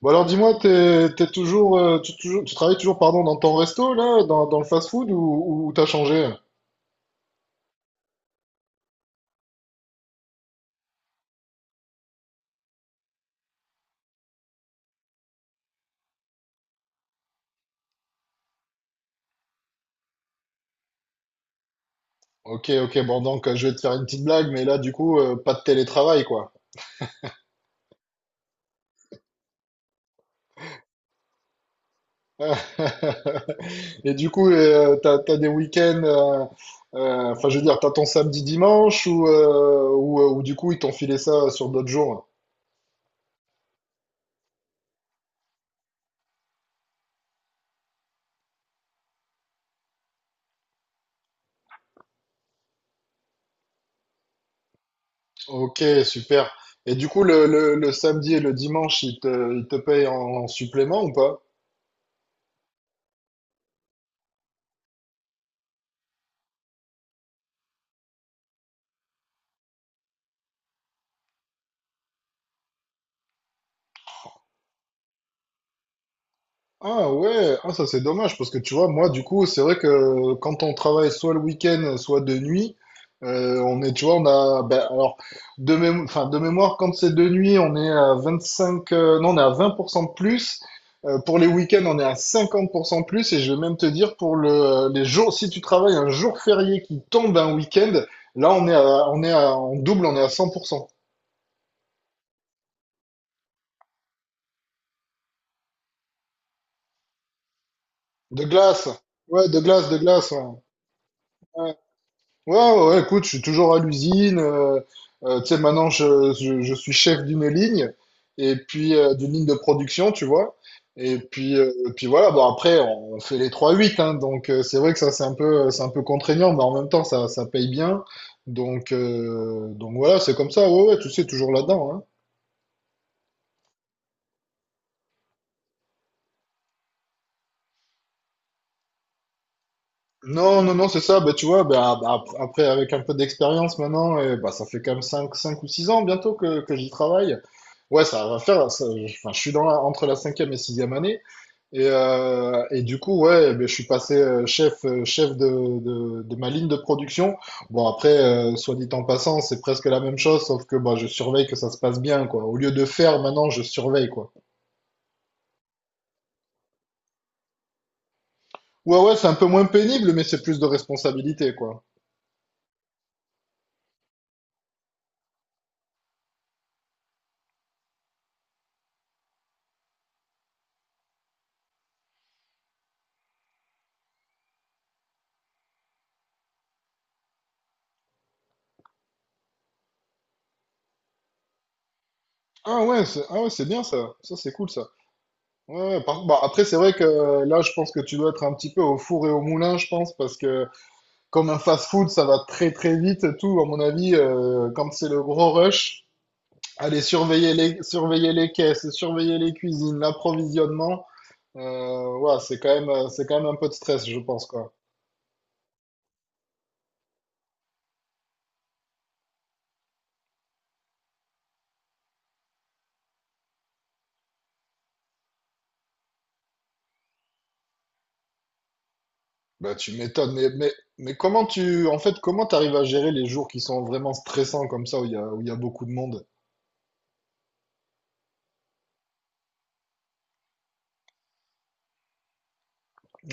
Bon alors dis-moi, t'es toujours, toujours, tu travailles toujours pardon dans ton resto là, dans le fast-food, ou t'as changé? Ok, ok, bon donc je vais te faire une petite blague, mais là du coup pas de télétravail quoi. Et du coup t'as des week-ends, enfin je veux dire t'as ton samedi dimanche, ou ou du coup ils t'ont filé ça sur d'autres jours. Ok, super. Et du coup le samedi et le dimanche ils te payent en supplément ou pas? Ah ouais, ah ça c'est dommage parce que tu vois, moi du coup, c'est vrai que quand on travaille soit le week-end, soit de nuit, on est, tu vois, on a, ben, alors, de enfin, de mémoire, quand c'est de nuit, on est à 25, non, on est à 20% de plus. Pour les week-ends, on est à 50% de plus. Et je vais même te dire, pour les jours, si tu travailles un jour férié qui tombe un week-end, là, en double, on est à 100%. De glace. Ouais, de glace, de glace, ouais. Ouais. Ouais, écoute, je suis toujours à l'usine. Tu sais, maintenant, je suis chef d'une ligne, et puis d'une ligne de production, tu vois. Et puis voilà, bon, après, on fait les trois huit hein, donc c'est vrai que ça, c'est un peu contraignant, mais en même temps, ça paye bien. Donc voilà, c'est comme ça, ouais, ouais, tu sais, toujours là-dedans, hein. Non, non, non, c'est ça. Bah, tu vois, bah, après, avec un peu d'expérience maintenant, et, bah, ça fait quand même 5, cinq ou 6 ans bientôt que j'y travaille. Ouais, ça va faire. Enfin, je suis dans entre la 5e et 6e année. Et du coup, ouais, ben je suis passé chef, chef de ma ligne de production. Bon, après, soit dit en passant, c'est presque la même chose, sauf que bah, je surveille que ça se passe bien, quoi. Au lieu de faire, maintenant, je surveille, quoi. Ouais, ouais, c'est un peu moins pénible, mais c'est plus de responsabilité, quoi. Ah ouais, c'est bien ça. Ça, c'est cool ça. Ouais, ouais, bah, après, c'est vrai que là, je pense que tu dois être un petit peu au four et au moulin, je pense, parce que comme un fast-food, ça va très très vite et tout. À mon avis, quand c'est le gros rush, aller surveiller surveiller les caisses, surveiller les cuisines, l'approvisionnement, ouais, c'est quand même un peu de stress, je pense, quoi. Bah, tu m'étonnes, mais mais comment tu, en fait, comment t'arrives à gérer les jours qui sont vraiment stressants comme ça, où où il y a beaucoup de monde?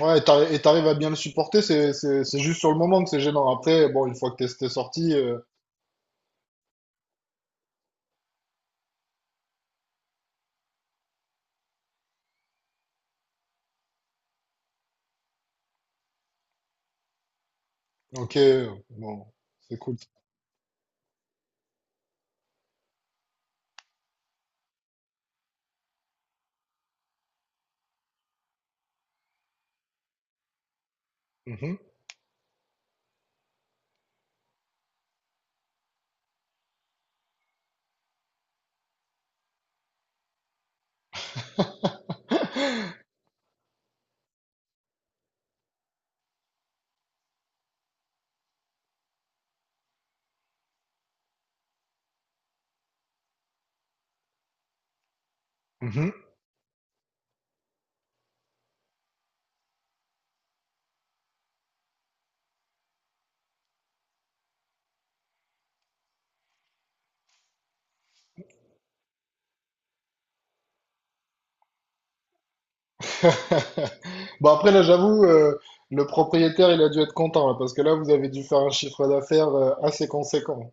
Ouais, et et t'arrives à bien le supporter, c'est juste sur le moment que c'est gênant. Après, bon, une fois que t'es sorti, ok, bon, c'est cool. Mhm, mhm. Bon, après, là, j'avoue, le propriétaire, il a dû être content, là, parce que là, vous avez dû faire un chiffre d'affaires assez conséquent.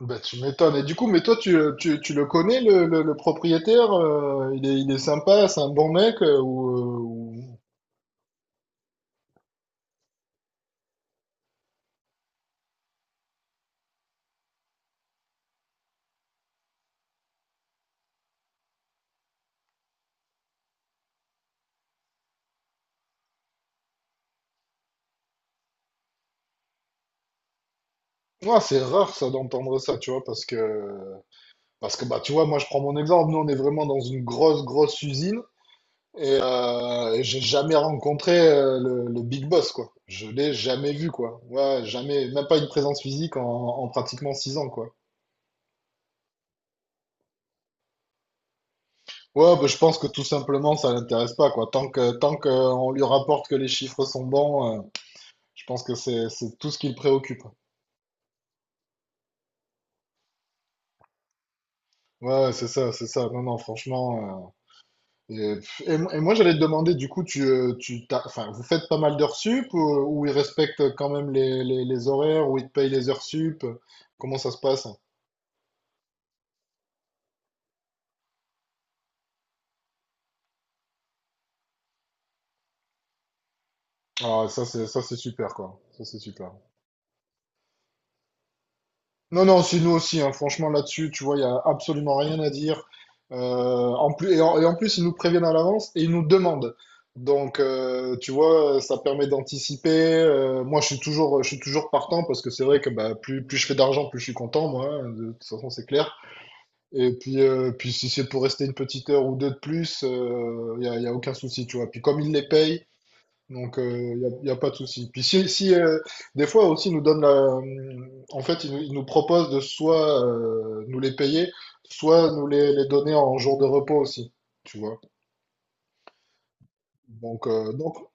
Bah, tu m'étonnes. Et du coup, mais toi, tu le connais, le propriétaire, euh, il est sympa, c'est un bon mec, ou... Ouais, c'est rare, ça, d'entendre ça, tu vois, parce que parce que bah tu vois, moi je prends mon exemple, nous on est vraiment dans une grosse grosse usine et j'ai jamais rencontré le big boss quoi. Je l'ai jamais vu quoi. Ouais, jamais, même pas une présence physique en pratiquement 6 ans quoi. Ouais, bah, je pense que tout simplement ça l'intéresse pas quoi. Tant que on lui rapporte que les chiffres sont bons, je pense que c'est tout ce qui le préoccupe. Ouais, c'est ça, c'est ça. Non non, franchement, euh. Et, pff, et et moi, j'allais te demander, du coup, enfin, vous faites pas mal d'heures sup, ou ils respectent quand même les horaires, ou ils te payent les heures sup? Comment ça se passe? Ah, ça, c'est super, quoi. Ça, c'est super. Non, non, c'est nous aussi, hein. Franchement, là-dessus, tu vois, il n'y a absolument rien à dire. En plus, et en plus, ils nous préviennent à l'avance et ils nous demandent. Donc, tu vois, ça permet d'anticiper. Moi, je suis toujours partant parce que c'est vrai que bah, plus je fais d'argent, plus je suis content, moi, hein. De toute façon, c'est clair. Et puis, puis si c'est pour rester une petite heure ou deux de plus, y a aucun souci, tu vois. Puis comme ils les payent, donc y a pas de souci. Puis si des fois aussi ils nous donnent en fait, ils nous proposent de soit nous les payer, soit nous les donner en jour de repos aussi, tu vois. Donc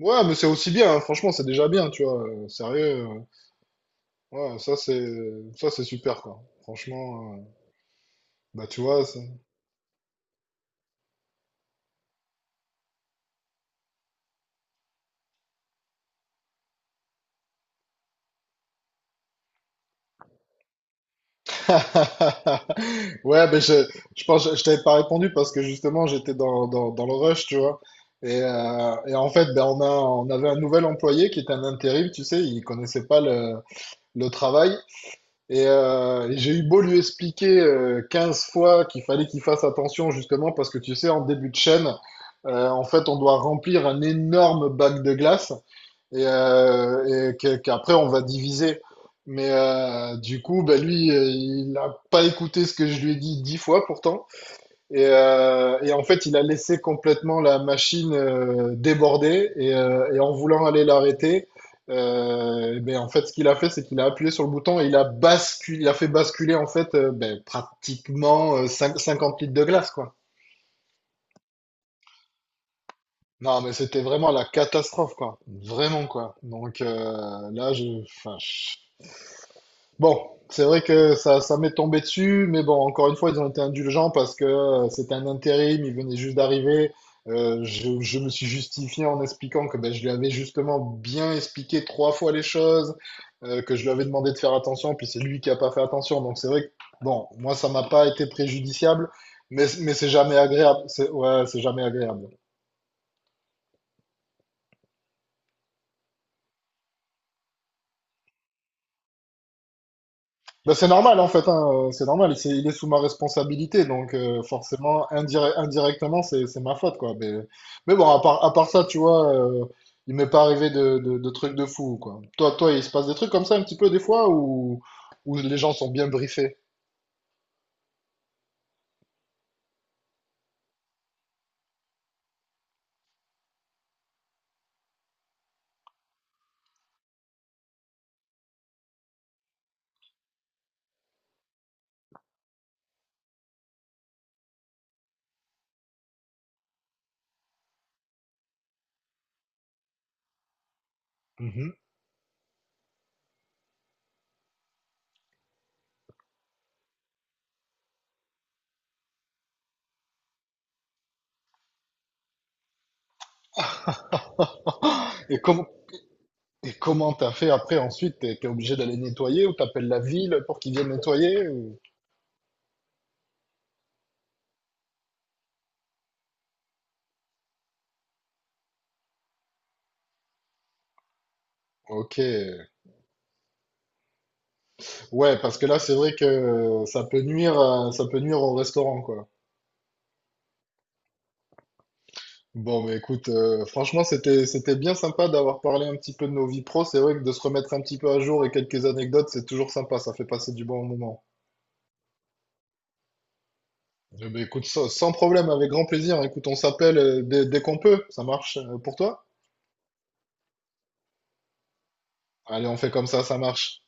ouais, mais c'est aussi bien, hein. Franchement, c'est déjà bien, tu vois. Sérieux, ouais, ça c'est super, quoi. Franchement, bah tu vois, ouais, je pense que je t'avais pas répondu parce que justement j'étais dans le rush, tu vois. Et en fait, ben, on avait un nouvel employé qui était un intérim, tu sais, il connaissait pas le travail. Et j'ai eu beau lui expliquer 15 fois qu'il fallait qu'il fasse attention justement parce que tu sais, en début de chaîne, en fait, on doit remplir un énorme bac de glace et qu'après on va diviser. Mais du coup, bah lui, il n'a pas écouté ce que je lui ai dit 10 fois pourtant. Et en fait, il a laissé complètement la machine déborder. Et en voulant aller l'arrêter, eh ben, en fait, ce qu'il a fait, c'est qu'il a appuyé sur le bouton et il a basculé, il a fait basculer en fait ben, pratiquement 50 litres de glace, quoi. Non, mais c'était vraiment la catastrophe, quoi. Vraiment, quoi. Donc enfin, bon, c'est vrai que ça m'est tombé dessus, mais bon, encore une fois, ils ont été indulgents parce que c'était un intérim, il venait juste d'arriver. Je me suis justifié en expliquant que ben, je lui avais justement bien expliqué 3 fois les choses, que je lui avais demandé de faire attention, puis c'est lui qui a pas fait attention. Donc c'est vrai que, bon, moi, ça m'a pas été préjudiciable, mais c'est jamais agréable. C'est, ouais, c'est jamais agréable. Ben, c'est normal en fait, hein, c'est normal, il est sous ma responsabilité, donc forcément indirectement c'est ma faute quoi. Mais bon, à part ça, tu vois, il m'est pas arrivé de trucs de fou quoi. Toi, il se passe des trucs comme ça un petit peu des fois où les gens sont bien briefés. Mhm. Et, et comment t'as fait après ensuite? T'es obligé d'aller nettoyer ou t'appelles la ville pour qu'ils viennent nettoyer ou... Ok, ouais, parce que là c'est vrai que ça peut ça peut nuire au restaurant quoi. Bon, bah écoute, franchement, c'était bien sympa d'avoir parlé un petit peu de nos vies pro. C'est vrai que de se remettre un petit peu à jour et quelques anecdotes, c'est toujours sympa. Ça fait passer du bon moment. Eh ben, écoute, sans problème, avec grand plaisir. Écoute, on s'appelle dès qu'on peut. Ça marche pour toi? Allez, on fait comme ça marche.